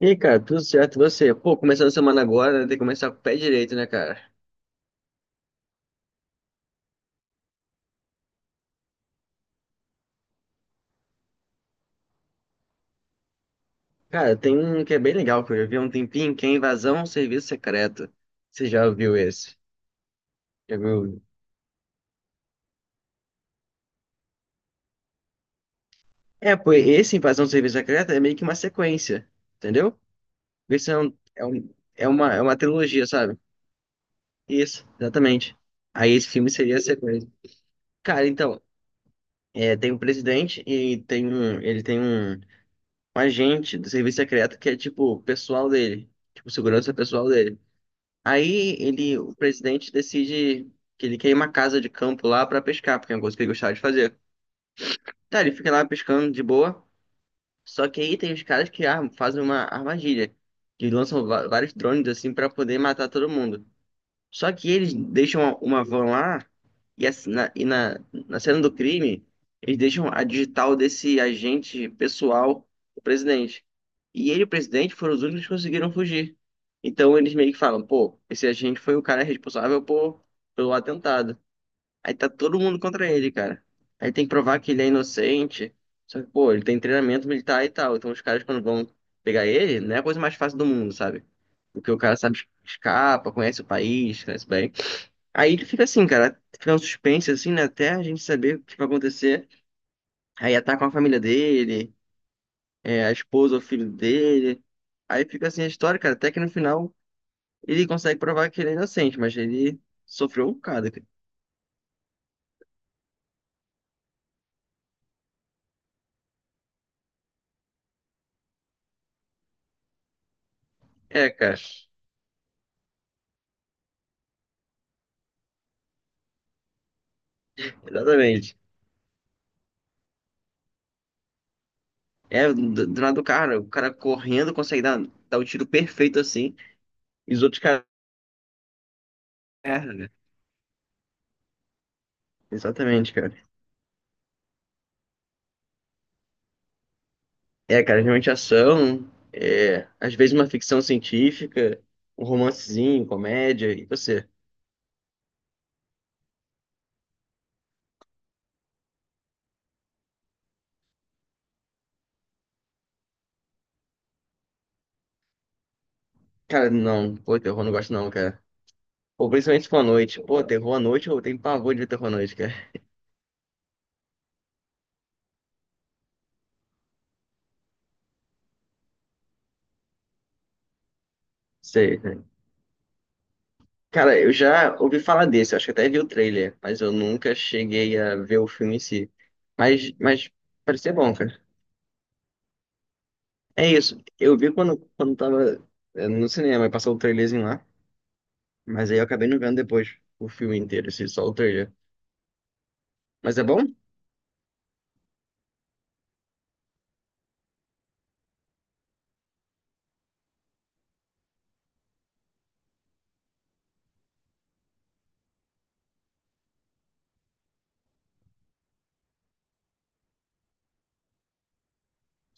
E aí, cara, tudo certo, e você? Pô, começando a semana agora, né? Tem que começar com o pé direito, né, cara? Cara, tem um que é bem legal que eu já vi há um tempinho, que é Invasão ao Serviço Secreto. Você já viu esse? Já viu? Pô, esse Invasão ao Serviço Secreto é meio que uma sequência, entendeu? Esse é, um, é, um- é uma trilogia, sabe? Isso, exatamente. Aí esse filme seria a sequência. Cara, então, tem um presidente e ele tem um agente do serviço secreto que é, tipo, o pessoal dele. Tipo, segurança pessoal dele. O presidente decide que ele quer ir uma casa de campo lá pra pescar, porque é uma coisa que ele gostava de fazer. Tá, ele fica lá pescando de boa, só que aí tem os caras que fazem uma armadilha, que lançam vários drones assim pra poder matar todo mundo. Só que eles deixam uma van lá e, assim, na cena do crime, eles deixam a digital desse agente pessoal do presidente. E ele e o presidente foram os únicos que conseguiram fugir. Então eles meio que falam, pô, esse agente foi o cara responsável pelo atentado. Aí tá todo mundo contra ele, cara. Aí tem que provar que ele é inocente. Só que, pô, ele tem treinamento militar e tal. Então os caras, quando vão pegar ele, não é a coisa mais fácil do mundo, sabe? Porque o cara sabe, escapa, conhece o país, conhece bem. Aí ele fica assim, cara, fica um suspense, assim, né? Até a gente saber o que vai acontecer. Aí atacam a família dele, a esposa, o filho dele. Aí fica assim a história, cara. Até que no final ele consegue provar que ele é inocente, mas ele sofreu um bocado, cara. É, cara, exatamente. É, do lado do cara, o cara correndo consegue dar o tiro perfeito assim, e os outros caras erram, né? Exatamente, cara. É, cara, realmente ação, às vezes uma ficção científica, um romancezinho, comédia, e você? Cara, não, pô, terror não gosto não, cara. Ou principalmente se for à noite. Pô, terror à noite, eu tenho pavor de ver terror à noite, cara. Sei, né? Cara, eu já ouvi falar desse, eu acho que até vi o trailer, mas eu nunca cheguei a ver o filme em si. Mas parecia bom, cara. É isso. Eu vi quando tava no cinema, e passou o trailerzinho lá. Mas aí eu acabei não vendo depois o filme inteiro, assim, só o trailer. Mas é bom?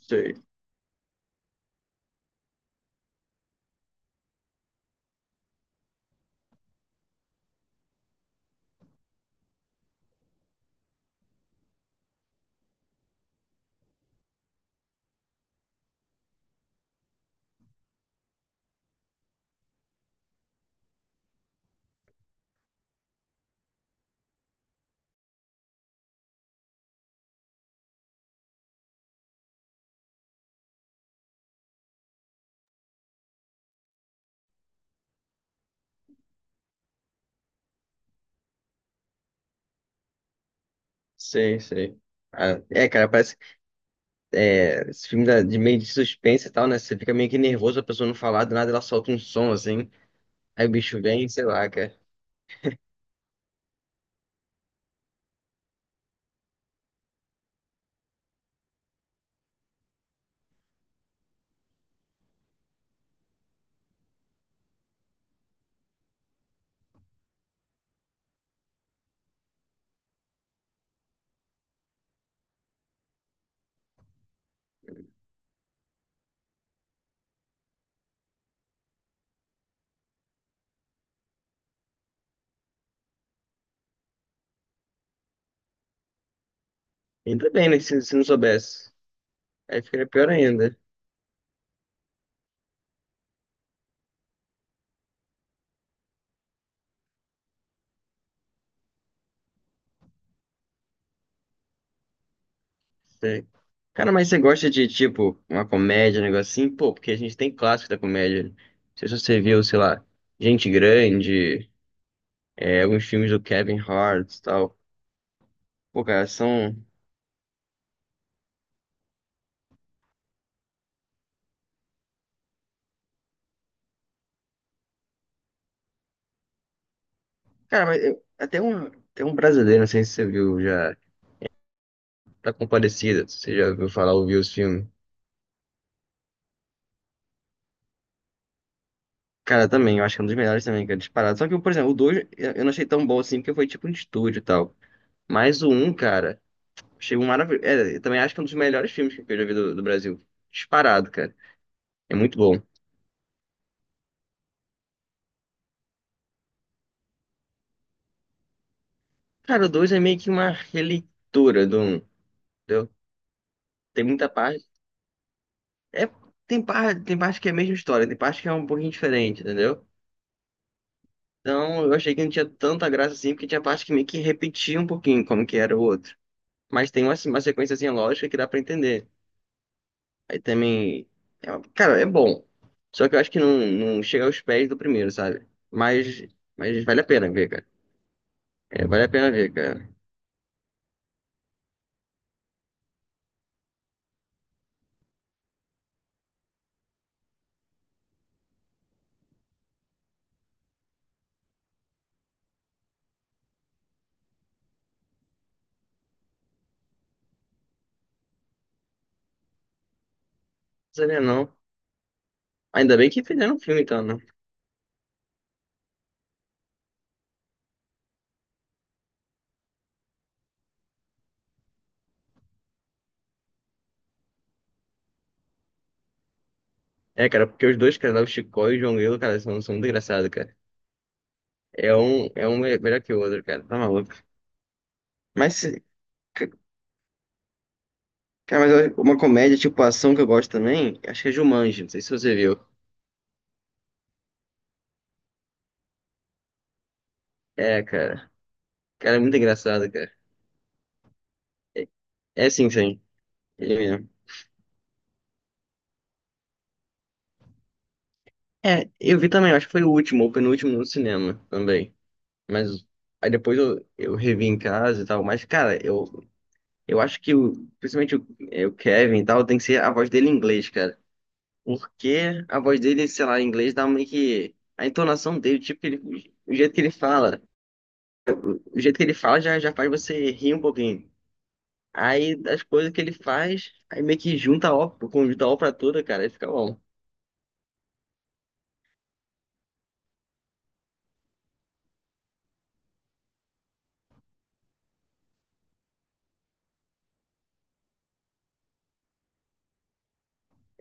Sei, sei, sei. Ah, é, cara, parece. É, esse filme de meio de suspense e tal, né? Você fica meio que nervoso, a pessoa não falar, do nada ela solta um som assim. Aí o bicho vem, sei lá, cara. Ainda bem, né? Se não soubesse. Aí ficaria pior ainda. Sei. Cara, mas você gosta de, tipo, uma comédia, um negócio assim? Pô, porque a gente tem clássico da comédia. Não sei se você viu, sei lá, Gente Grande, alguns filmes do Kevin Hart e tal. Pô, cara, são... Cara, até um brasileiro, não sei se você viu já, Tá Compadecida, se você já ouviu falar, ouviu os filmes. Cara, também, eu acho que é um dos melhores também, cara, disparado. Só que, por exemplo, o 2 eu não achei tão bom assim, porque foi tipo um estúdio e tal. Mas o um, cara, achei um maravilhoso. É, eu também acho que é um dos melhores filmes que eu já vi do Brasil. Disparado, cara. É muito bom. Cara, o 2 é meio que uma releitura do um. Entendeu? Tem muita parte. É, tem parte que é a mesma história, tem parte que é um pouquinho diferente, entendeu? Então eu achei que não tinha tanta graça assim, porque tinha parte que meio que repetia um pouquinho como que era o outro. Mas tem uma sequênciazinha lógica que dá pra entender. Aí também cara, é bom. Só que eu acho que não, não chega aos pés do primeiro, sabe? Mas vale a pena ver, cara. É, vale a pena ver, cara. Não sabia não. Ainda bem que fizeram um filme então, né? É, cara, porque os dois, cara, lá, o Chicó e o João Grilo, cara, são muito engraçados, cara. Melhor que o outro, cara, tá maluco. Mas, se- ca- cara, uma comédia tipo ação que eu gosto também, acho que é Jumanji, não sei se você viu. É, cara, cara, é muito engraçado, cara. É, é sim, sim, ele mesmo. É, eu vi também, acho que foi o último, ou penúltimo no cinema também. Mas aí depois eu revi em casa e tal, mas, cara, eu acho que principalmente o Kevin e tal, tem que ser a voz dele em inglês, cara. Porque a voz dele, sei lá, em inglês dá meio que. A entonação dele, tipo, ele, o jeito que ele fala. O jeito que ele fala já faz você rir um pouquinho. Aí as coisas que ele faz, aí meio que junta a ópera, conjunta a ópera toda, cara, aí fica bom.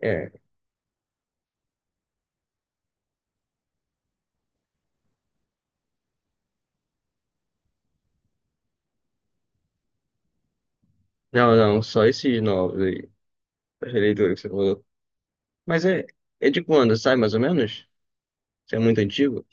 É. Não, só esses novos aí, as leituras que você falou. Mas é, é de quando, sabe, mais ou menos? Isso é muito antigo?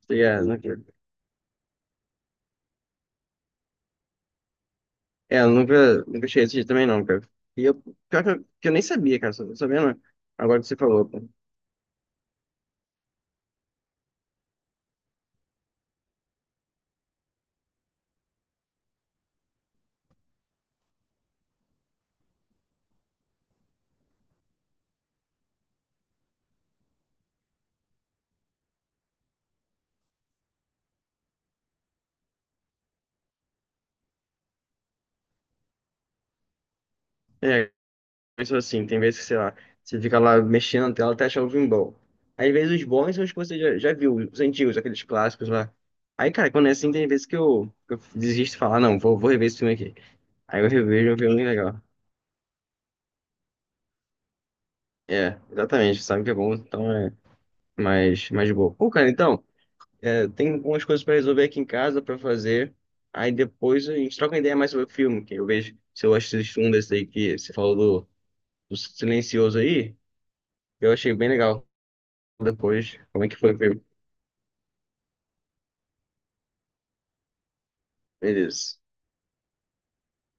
Você já- nunca- É, eu nunca cheguei a assistir também não, cara. E eu, pior que eu nem sabia, cara, sabia não. Agora que você falou, cara. É, são assim, tem vezes que, sei lá, você fica lá mexendo na tela até achar o filme bom. Aí, às vezes os bons são os que você já viu, os antigos, aqueles clássicos lá. Aí, cara, quando é assim, tem vezes que eu desisto de falar, não, vou rever esse filme aqui. Aí eu revejo um filme legal. É, exatamente, sabe que é bom, então é mais, mais de boa. Pô, cara, então, tem algumas coisas pra resolver aqui em casa, pra fazer. Aí depois a gente troca uma ideia mais sobre o filme, que eu vejo se eu assisto um desse aí que você falou do Silencioso aí, eu achei bem legal depois, como é que foi. Beleza.